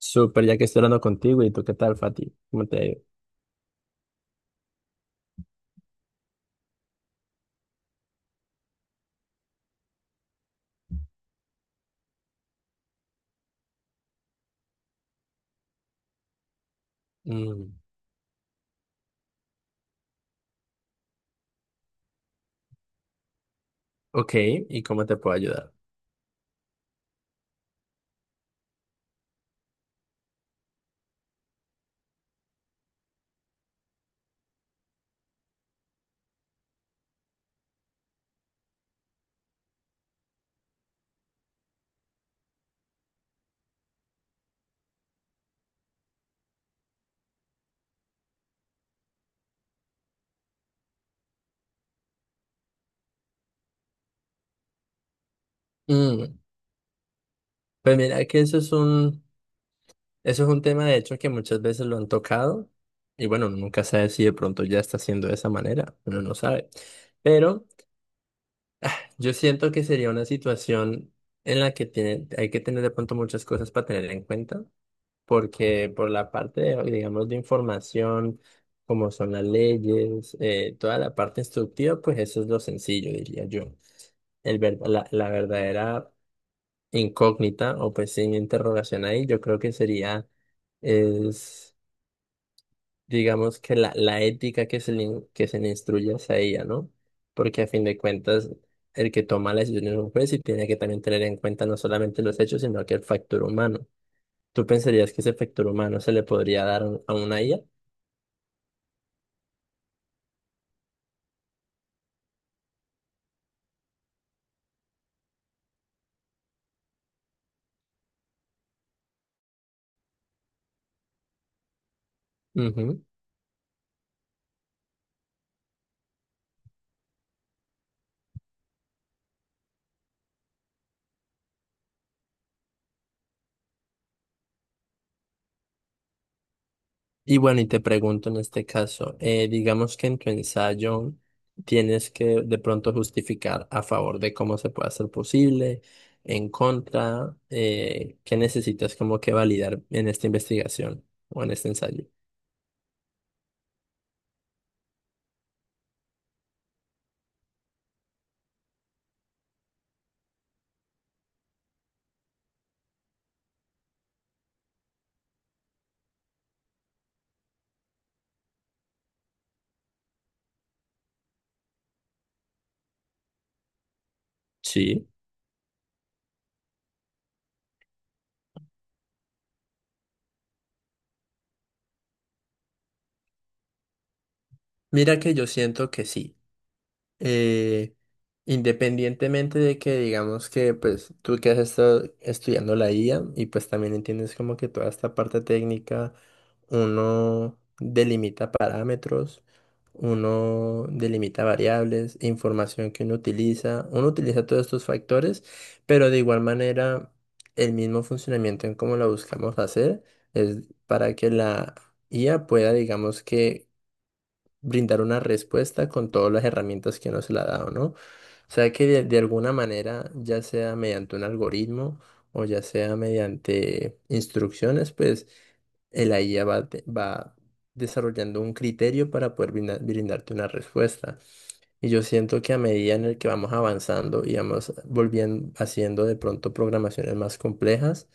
Súper, ya que estoy hablando contigo, ¿y tú qué tal, Fati? ¿Cómo te ha ido? Mm, ok, ¿y cómo te puedo ayudar? Mm, pues mira que eso es un tema de hecho que muchas veces lo han tocado y bueno, uno nunca sabe si de pronto ya está haciendo de esa manera, uno no sabe. Pero yo siento que sería una situación en la que tiene, hay que tener de pronto muchas cosas para tener en cuenta porque por la parte, de, digamos, de información, como son las leyes, toda la parte instructiva, pues eso es lo sencillo, diría yo. La verdadera incógnita o pues sin interrogación ahí, yo creo que sería, es, digamos que la ética que se le instruye hacia ella, ¿no? Porque a fin de cuentas, el que toma la decisión es un juez y tiene que también tener en cuenta no solamente los hechos, sino que el factor humano. ¿Tú pensarías que ese factor humano se le podría dar a una IA? Ujú. Y bueno, y te pregunto en este caso, digamos que en tu ensayo tienes que de pronto justificar a favor de cómo se puede hacer posible, en contra, qué necesitas como que validar en esta investigación o en este ensayo. Sí. Mira que yo siento que sí. eh, Independientemente de que digamos que pues tú que has estado estudiando la IA y pues también entiendes como que toda esta parte técnica, uno delimita parámetros, uno delimita variables, información que uno utiliza todos estos factores, pero de igual manera el mismo funcionamiento en cómo la buscamos hacer es para que la IA pueda digamos que brindar una respuesta con todas las herramientas que nos se le ha dado, ¿no? O sea que de alguna manera, ya sea mediante un algoritmo o ya sea mediante instrucciones, pues el la IA va desarrollando un criterio para poder brindarte una respuesta. Y yo siento que a medida en el que vamos avanzando y vamos volviendo, haciendo de pronto programaciones más complejas,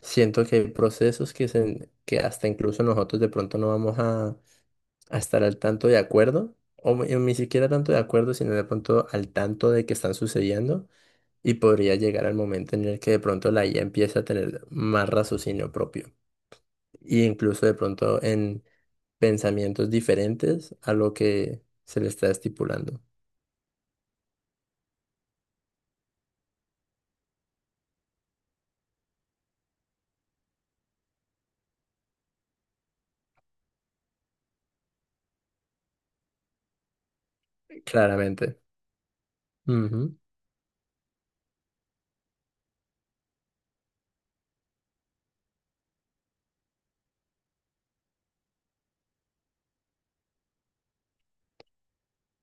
siento que hay procesos que, se, que hasta incluso nosotros de pronto no vamos a estar al tanto de acuerdo, o ni siquiera tanto de acuerdo, sino de pronto al tanto de que están sucediendo, y podría llegar al momento en el que de pronto la IA empieza a tener más raciocinio propio, e incluso de pronto en pensamientos diferentes a lo que se le está estipulando, claramente. Ujú.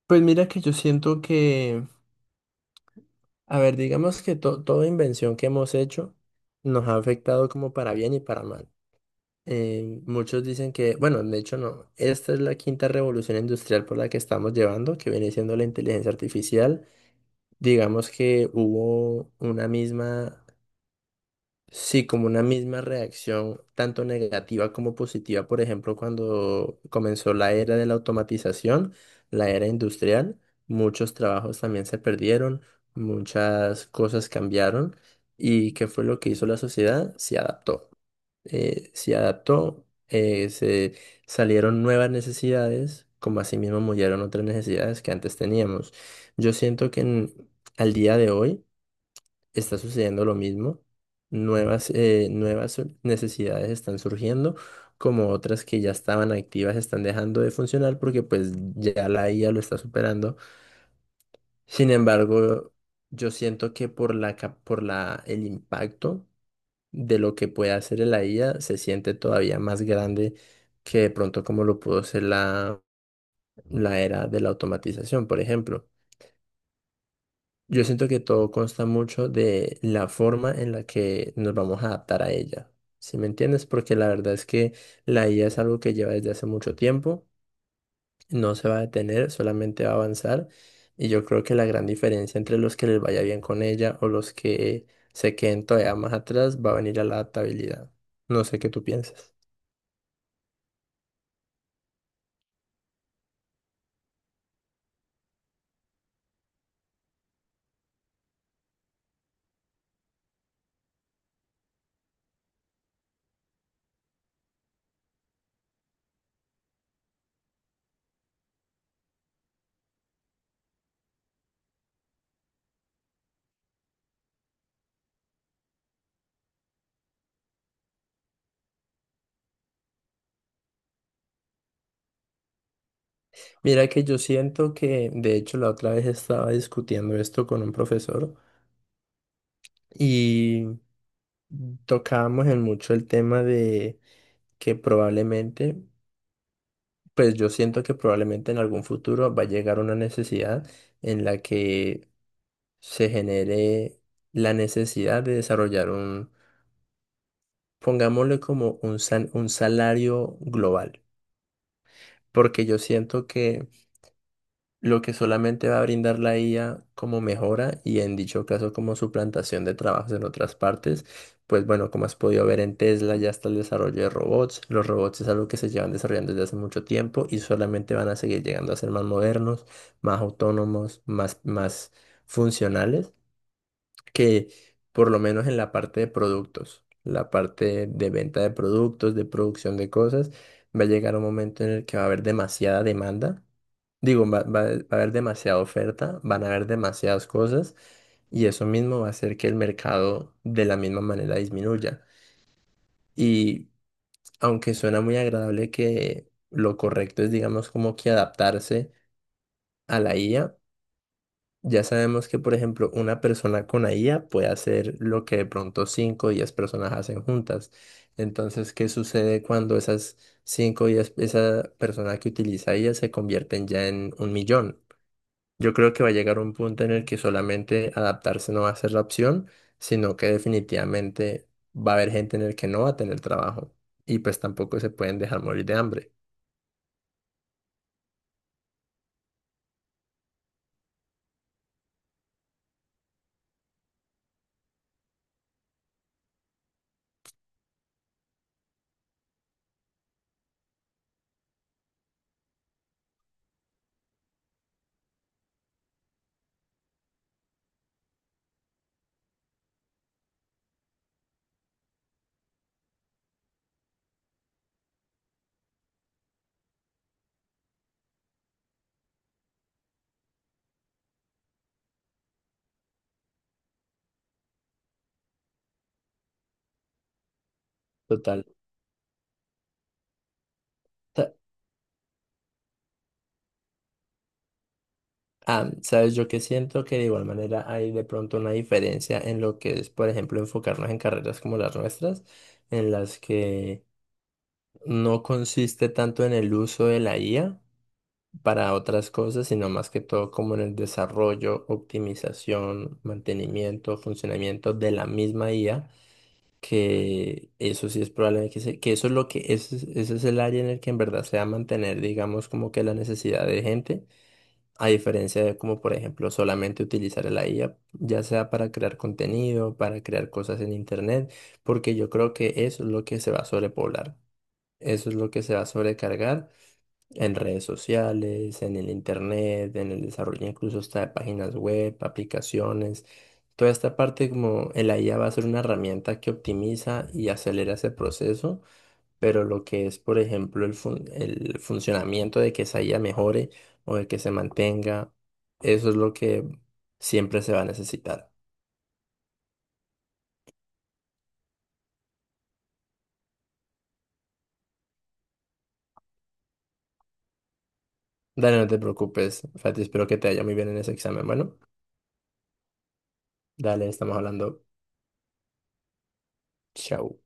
Pues mira que yo siento que, a ver, digamos que toda invención que hemos hecho nos ha afectado como para bien y para mal. Muchos dicen que, bueno, de hecho no, esta es la quinta revolución industrial por la que estamos llevando, que viene siendo la inteligencia artificial. Digamos que hubo una misma, sí, como una misma reacción, tanto negativa como positiva, por ejemplo, cuando comenzó la era de la automatización, la era industrial, muchos trabajos también se perdieron, muchas cosas cambiaron, y ¿qué fue lo que hizo la sociedad? Se adaptó, se adaptó, se salieron nuevas necesidades, como asimismo murieron otras necesidades que antes teníamos. Yo siento que al día de hoy está sucediendo lo mismo. Nuevas necesidades están surgiendo, como otras que ya estaban activas están dejando de funcionar porque pues ya la IA lo está superando. Sin embargo, yo siento que por el impacto de lo que puede hacer la IA se siente todavía más grande que de pronto como lo pudo ser la era de la automatización, por ejemplo. Yo siento que todo consta mucho de la forma en la que nos vamos a adaptar a ella. ¿Sí me entiendes? Porque la verdad es que la IA es algo que lleva desde hace mucho tiempo, no se va a detener, solamente va a avanzar. Y yo creo que la gran diferencia entre los que les vaya bien con ella o los que se queden todavía más atrás va a venir a la adaptabilidad. No sé qué tú piensas. Mira que yo siento que, de hecho, la otra vez estaba discutiendo esto con un profesor y tocábamos en mucho el tema de que probablemente, pues yo siento que probablemente en algún futuro va a llegar una necesidad en la que se genere la necesidad de desarrollar un, pongámosle como un salario global, porque yo siento que lo que solamente va a brindar la IA como mejora y en dicho caso como suplantación de trabajos en otras partes. Pues bueno, como has podido ver en Tesla ya está el desarrollo de robots. Los robots es algo que se llevan desarrollando desde hace mucho tiempo y solamente van a seguir llegando a ser más modernos, más autónomos, más, más funcionales, que por lo menos en la parte de productos, la parte de venta de productos, de producción de cosas, va a llegar un momento en el que va a haber demasiada demanda. Digo, va a haber demasiada oferta, van a haber demasiadas cosas y eso mismo va a hacer que el mercado de la misma manera disminuya. Y aunque suena muy agradable que lo correcto es, digamos, como que adaptarse a la IA, ya sabemos que, por ejemplo, una persona con la IA puede hacer lo que de pronto 5 o 10 personas hacen juntas. Entonces, ¿qué sucede cuando esas 5 o 10, esa persona que utiliza IA se convierten ya en un millón? Yo creo que va a llegar un punto en el que solamente adaptarse no va a ser la opción, sino que definitivamente va a haber gente en el que no va a tener trabajo y pues tampoco se pueden dejar morir de hambre. Total. Sa- sabes, yo que siento que de igual manera hay de pronto una diferencia en lo que es, por ejemplo, enfocarnos en carreras como las nuestras, en las que no consiste tanto en el uso de la IA para otras cosas, sino más que todo como en el desarrollo, optimización, mantenimiento, funcionamiento de la misma IA, que eso sí es probable que eso es lo que ese es el área en el que en verdad se va a mantener, digamos, como que la necesidad de gente, a diferencia de como, por ejemplo, solamente utilizar la IA, ya sea para crear contenido, para crear cosas en internet, porque yo creo que eso es lo que se va a sobrepoblar. Eso es lo que se va a sobrecargar en redes sociales, en el internet, en el desarrollo incluso hasta de páginas web, aplicaciones. Toda esta parte como el IA va a ser una herramienta que optimiza y acelera ese proceso, pero lo que es, por ejemplo, el funcionamiento de que esa IA mejore o de que se mantenga, eso es lo que siempre se va a necesitar. Dale, no te preocupes, Fati, espero que te haya muy bien en ese examen. Bueno, dale, estamos hablando. Chao.